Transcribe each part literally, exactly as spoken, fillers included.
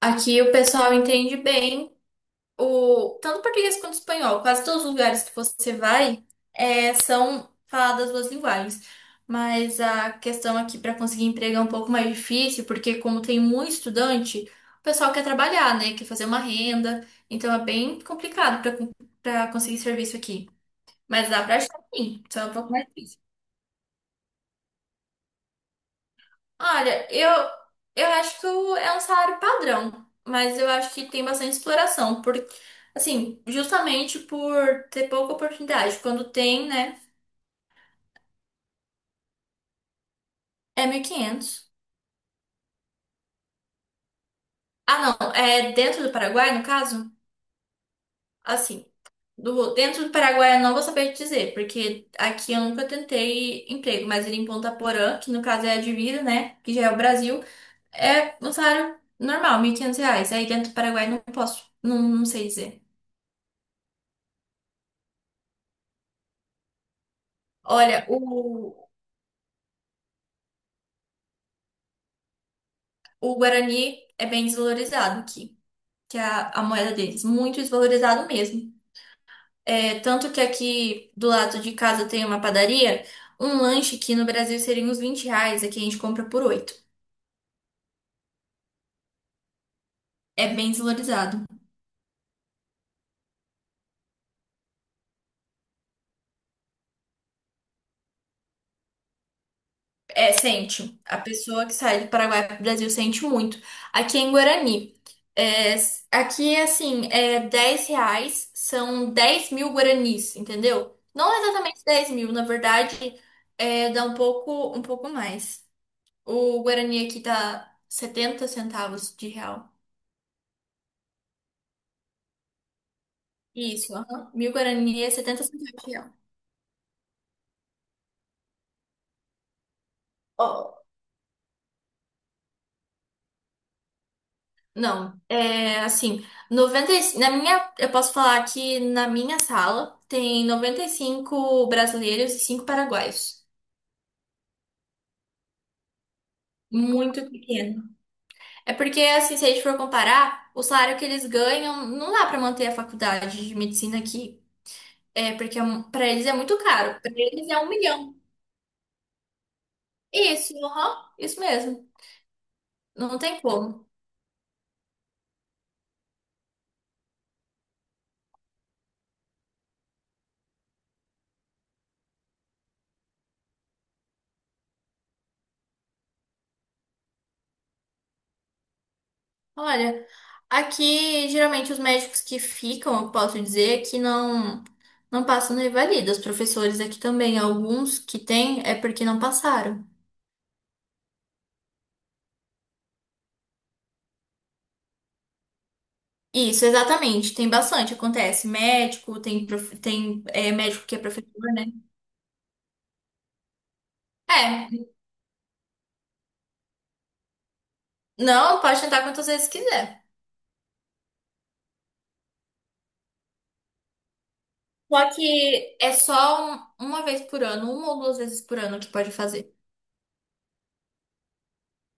Aqui o pessoal entende bem o tanto português quanto espanhol. Quase todos os lugares que você vai é, são faladas as duas linguagens. Mas a questão aqui para conseguir emprego é um pouco mais difícil, porque como tem muito estudante, o pessoal quer trabalhar, né? Quer fazer uma renda. Então é bem complicado para para conseguir serviço aqui. Mas dá para achar sim, só é um pouco mais difícil. Olha, eu, eu acho que o- é um salário padrão, mas eu acho que tem bastante exploração, porque, assim, justamente por ter pouca oportunidade. Quando tem, né, é mil e quinhentos. Ah, não, é dentro do Paraguai, no caso? Assim, do, dentro do Paraguai eu não vou saber te dizer, porque aqui eu nunca tentei emprego, mas ele em Ponta Porã, que no caso é a de Vira, né, que já é o Brasil, é um salário normal, mil e quinhentos reais. Aí dentro do Paraguai não posso, não, não sei dizer. Olha, o, o Guarani é bem desvalorizado aqui, que é a, a moeda deles, muito desvalorizado mesmo. É, tanto que aqui do lado de casa tem uma padaria, um lanche aqui no Brasil seria uns vinte reais, aqui a gente compra por oito. É bem desvalorizado. É, sente. A pessoa que sai do Paraguai para o Brasil sente muito. Aqui é em Guarani, é, s- aqui assim, é dez reais, são dez mil guaranis, entendeu? Não exatamente dez mil, na verdade, é, dá um pouco, um pouco mais. O Guarani aqui tá setenta centavos de real. Isso, aham. Mil Guarani é setenta centavos de real. Ó, não, é assim, noventa. E- na minha, eu posso falar que na minha sala tem noventa e cinco brasileiros e cinco paraguaios. Muito pequeno. É porque, assim, se a gente for comparar, o salário que eles ganham não dá pra manter a faculdade de medicina aqui. É porque é um- pra eles é muito caro. Pra eles é um milhão. Isso, aham, isso mesmo. Não tem como. Olha, aqui geralmente os médicos que ficam, eu posso dizer, que não não passam nem valida. Os professores aqui também, alguns que têm é porque não passaram. Isso, exatamente. Tem bastante, acontece. Médico, tem, prof- tem é, médico que é professor, né? É, não, pode tentar quantas vezes quiser. Só que é só um- uma vez por ano, uma ou duas vezes por ano que pode fazer.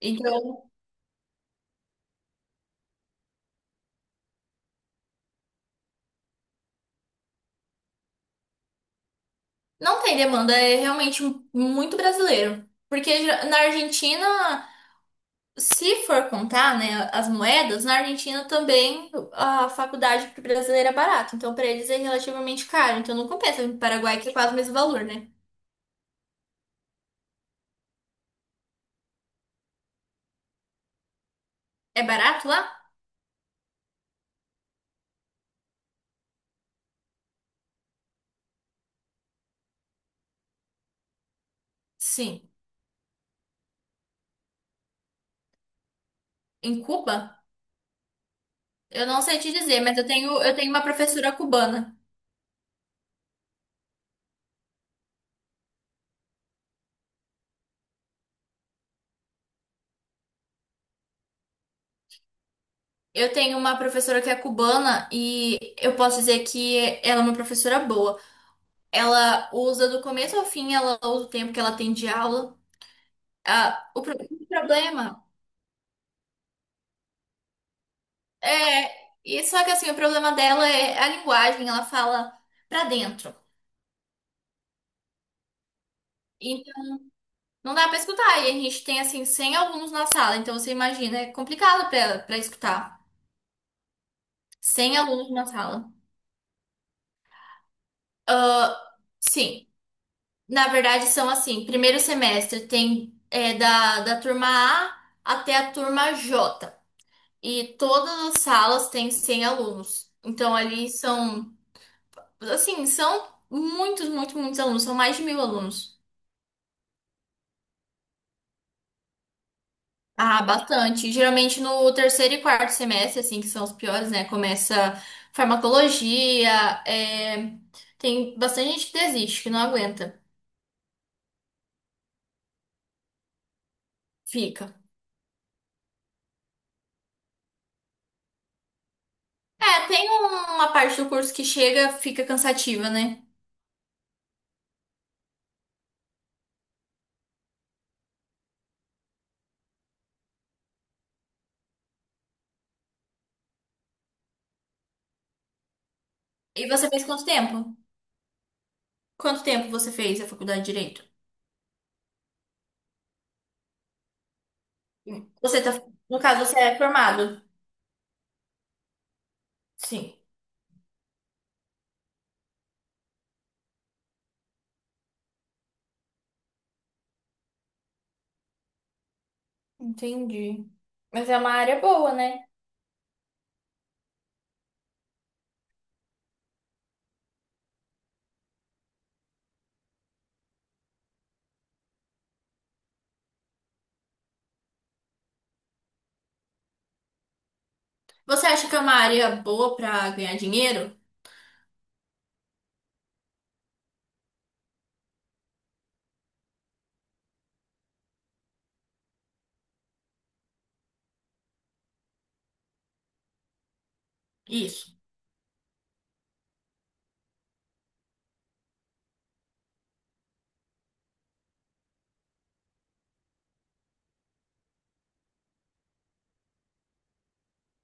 Então, não tem demanda, é realmente muito brasileiro. Porque já- na Argentina. Se for contar, né, as moedas, na Argentina também a faculdade para brasileiro é barato. Então, para eles é relativamente caro. Então, não compensa vir para o Paraguai, que é quase o mesmo valor, né? É barato lá? Sim. Em Cuba? Eu não sei te dizer, mas eu tenho, eu tenho uma professora cubana. Eu tenho uma professora que é cubana e eu posso dizer que ela é uma professora boa. Ela usa do começo ao fim, ela usa o tempo que ela tem de aula. Ah, o pro- o problema. É, e só que assim, o problema dela é a linguagem, ela fala pra dentro. Então, não dá pra escutar. E a gente tem assim cem alunos na sala, então você imagina, é complicado pra ela para escutar. cem alunos na sala. Ah, sim, na verdade são assim, primeiro semestre tem é, da, da turma A até a turma J. E todas as salas têm cem alunos. Então ali são, assim, são muitos, muitos, muitos alunos, são mais de mil alunos. Ah, bastante. Geralmente no terceiro e quarto semestre, assim, que são os piores, né? Começa farmacologia, é, tem bastante gente que desiste, que não aguenta, fica. É, tem uma parte do curso que chega, fica cansativa, né? E você fez quanto tempo? Quanto tempo você fez a faculdade de Direito? Você tá, no caso, você é formado? Sim, entendi. Mas é uma área boa, né? Você acha que é uma área boa pra ganhar dinheiro? Isso.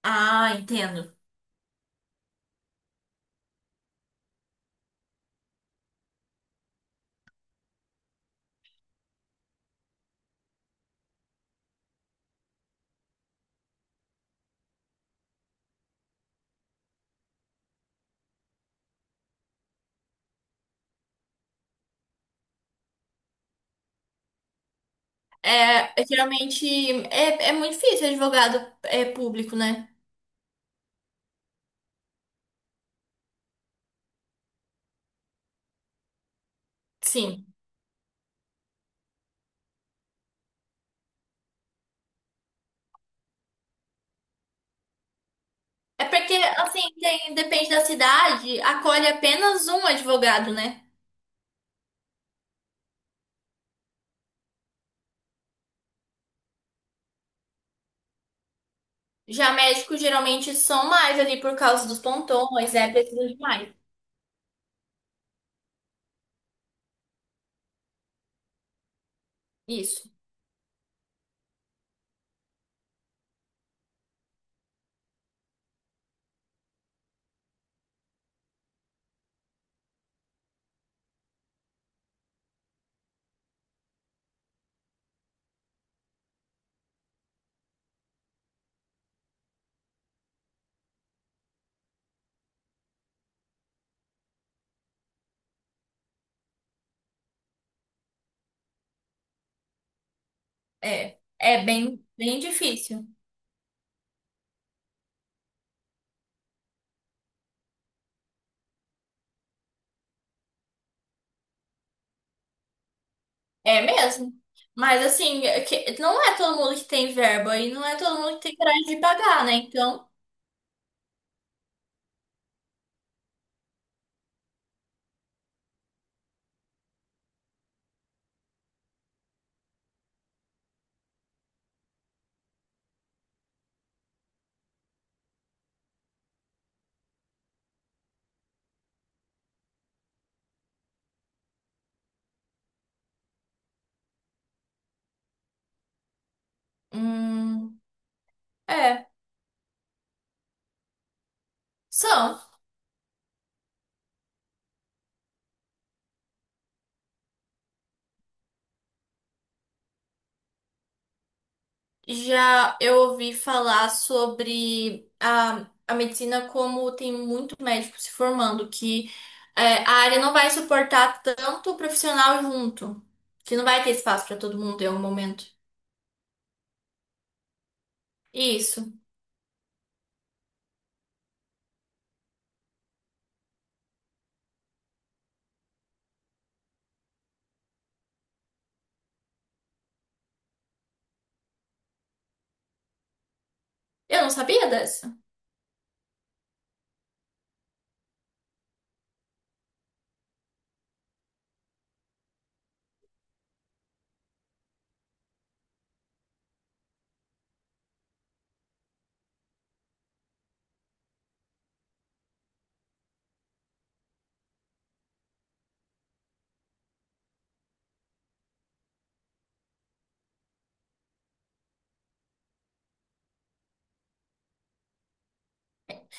Ah, entendo. É, geralmente é, é muito difícil advogado é, público, né? Sim. É porque, assim, tem- depende da cidade, acolhe apenas um advogado, né? Já médicos geralmente são mais ali por causa dos plantões, é preciso de mais. Isso. É. É bem, bem difícil. É mesmo. Mas, assim, é que- não é todo mundo que tem verba e não é todo mundo que tem coragem de pagar, né? Então, hum, é. São. Já eu ouvi falar sobre a, a medicina como tem muito médico se formando, que é, a área não vai suportar tanto profissional junto, que não vai ter espaço para todo mundo em um momento. Isso. Eu não sabia dessa.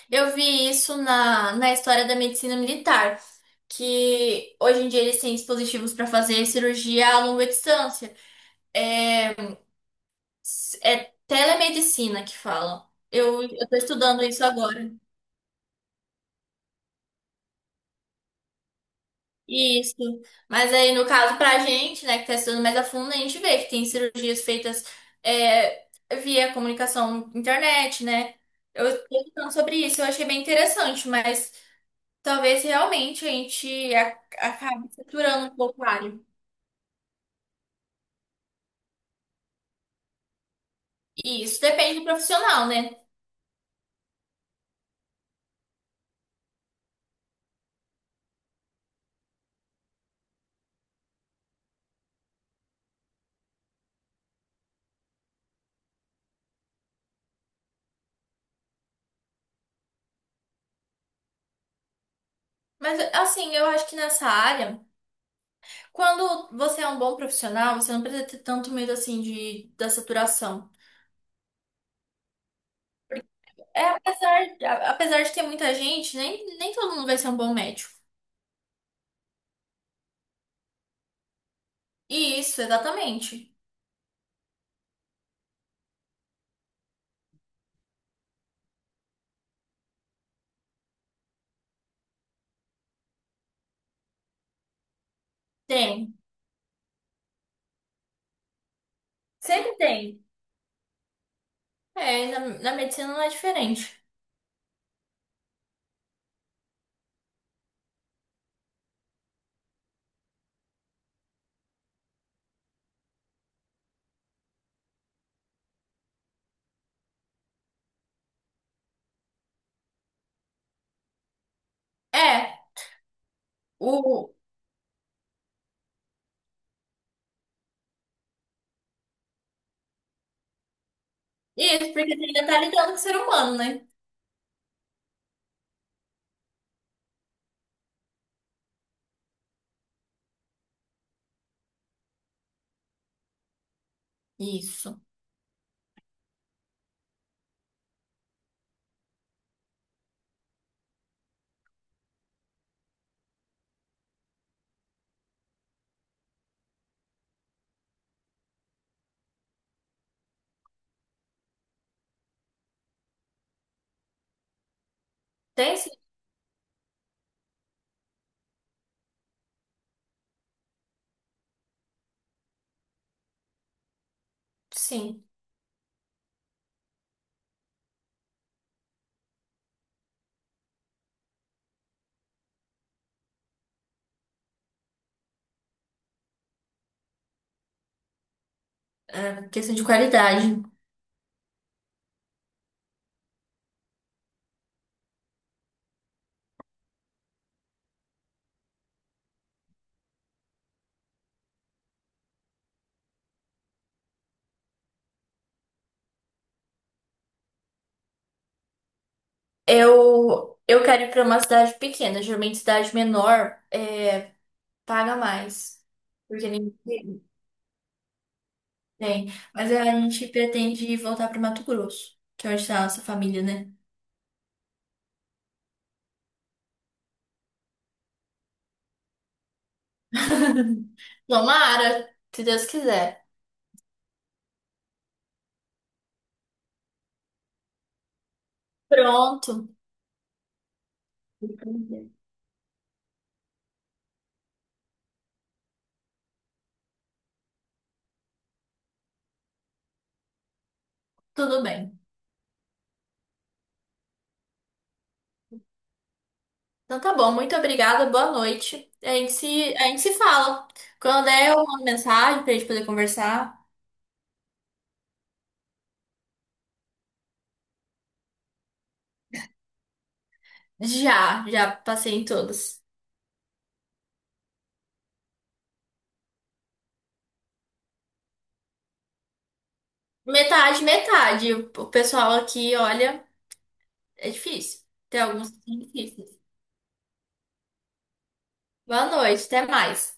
Eu vi isso na, na história da medicina militar, que hoje em dia eles têm dispositivos para fazer cirurgia a longa distância. É, é telemedicina que falam. Eu, eu tô estudando isso agora. Isso. Mas aí, no caso, pra gente, né, que tá estudando mais a fundo, a gente vê que tem cirurgias feitas é, via comunicação internet, né? Eu estou falando sobre isso, eu achei bem interessante, mas talvez realmente a gente a- acabe saturando um pouco a área. E isso depende do profissional, né? Mas, assim, eu acho que nessa área, quando você é um bom profissional, você não precisa ter tanto medo, assim, de, da saturação. É, apesar, a- apesar de ter muita gente, nem, nem todo mundo vai ser um bom médico. Isso, exatamente. Tem. Sempre tem. É, na, na medicina não é diferente. É, o. Isso, porque você ainda tá lidando com o ser humano, né? Isso. Tem sim. Sim. É, questão de qualidade. Eu, eu quero ir pra uma cidade pequena. Geralmente cidade menor é, paga mais. Porque ninguém. Tem. Mas a gente pretende voltar para Mato Grosso, que é onde está a nossa família, né? Tomara, se Deus quiser. Pronto. Tudo bem. Então tá bom, muito obrigada, boa noite. A gente se, a gente se fala. Quando der uma mensagem pra gente poder conversar. Já, já passei em todas. Metade, metade. O o pessoal aqui, olha, é difícil. Tem alguns que são difíceis. Boa noite, até mais.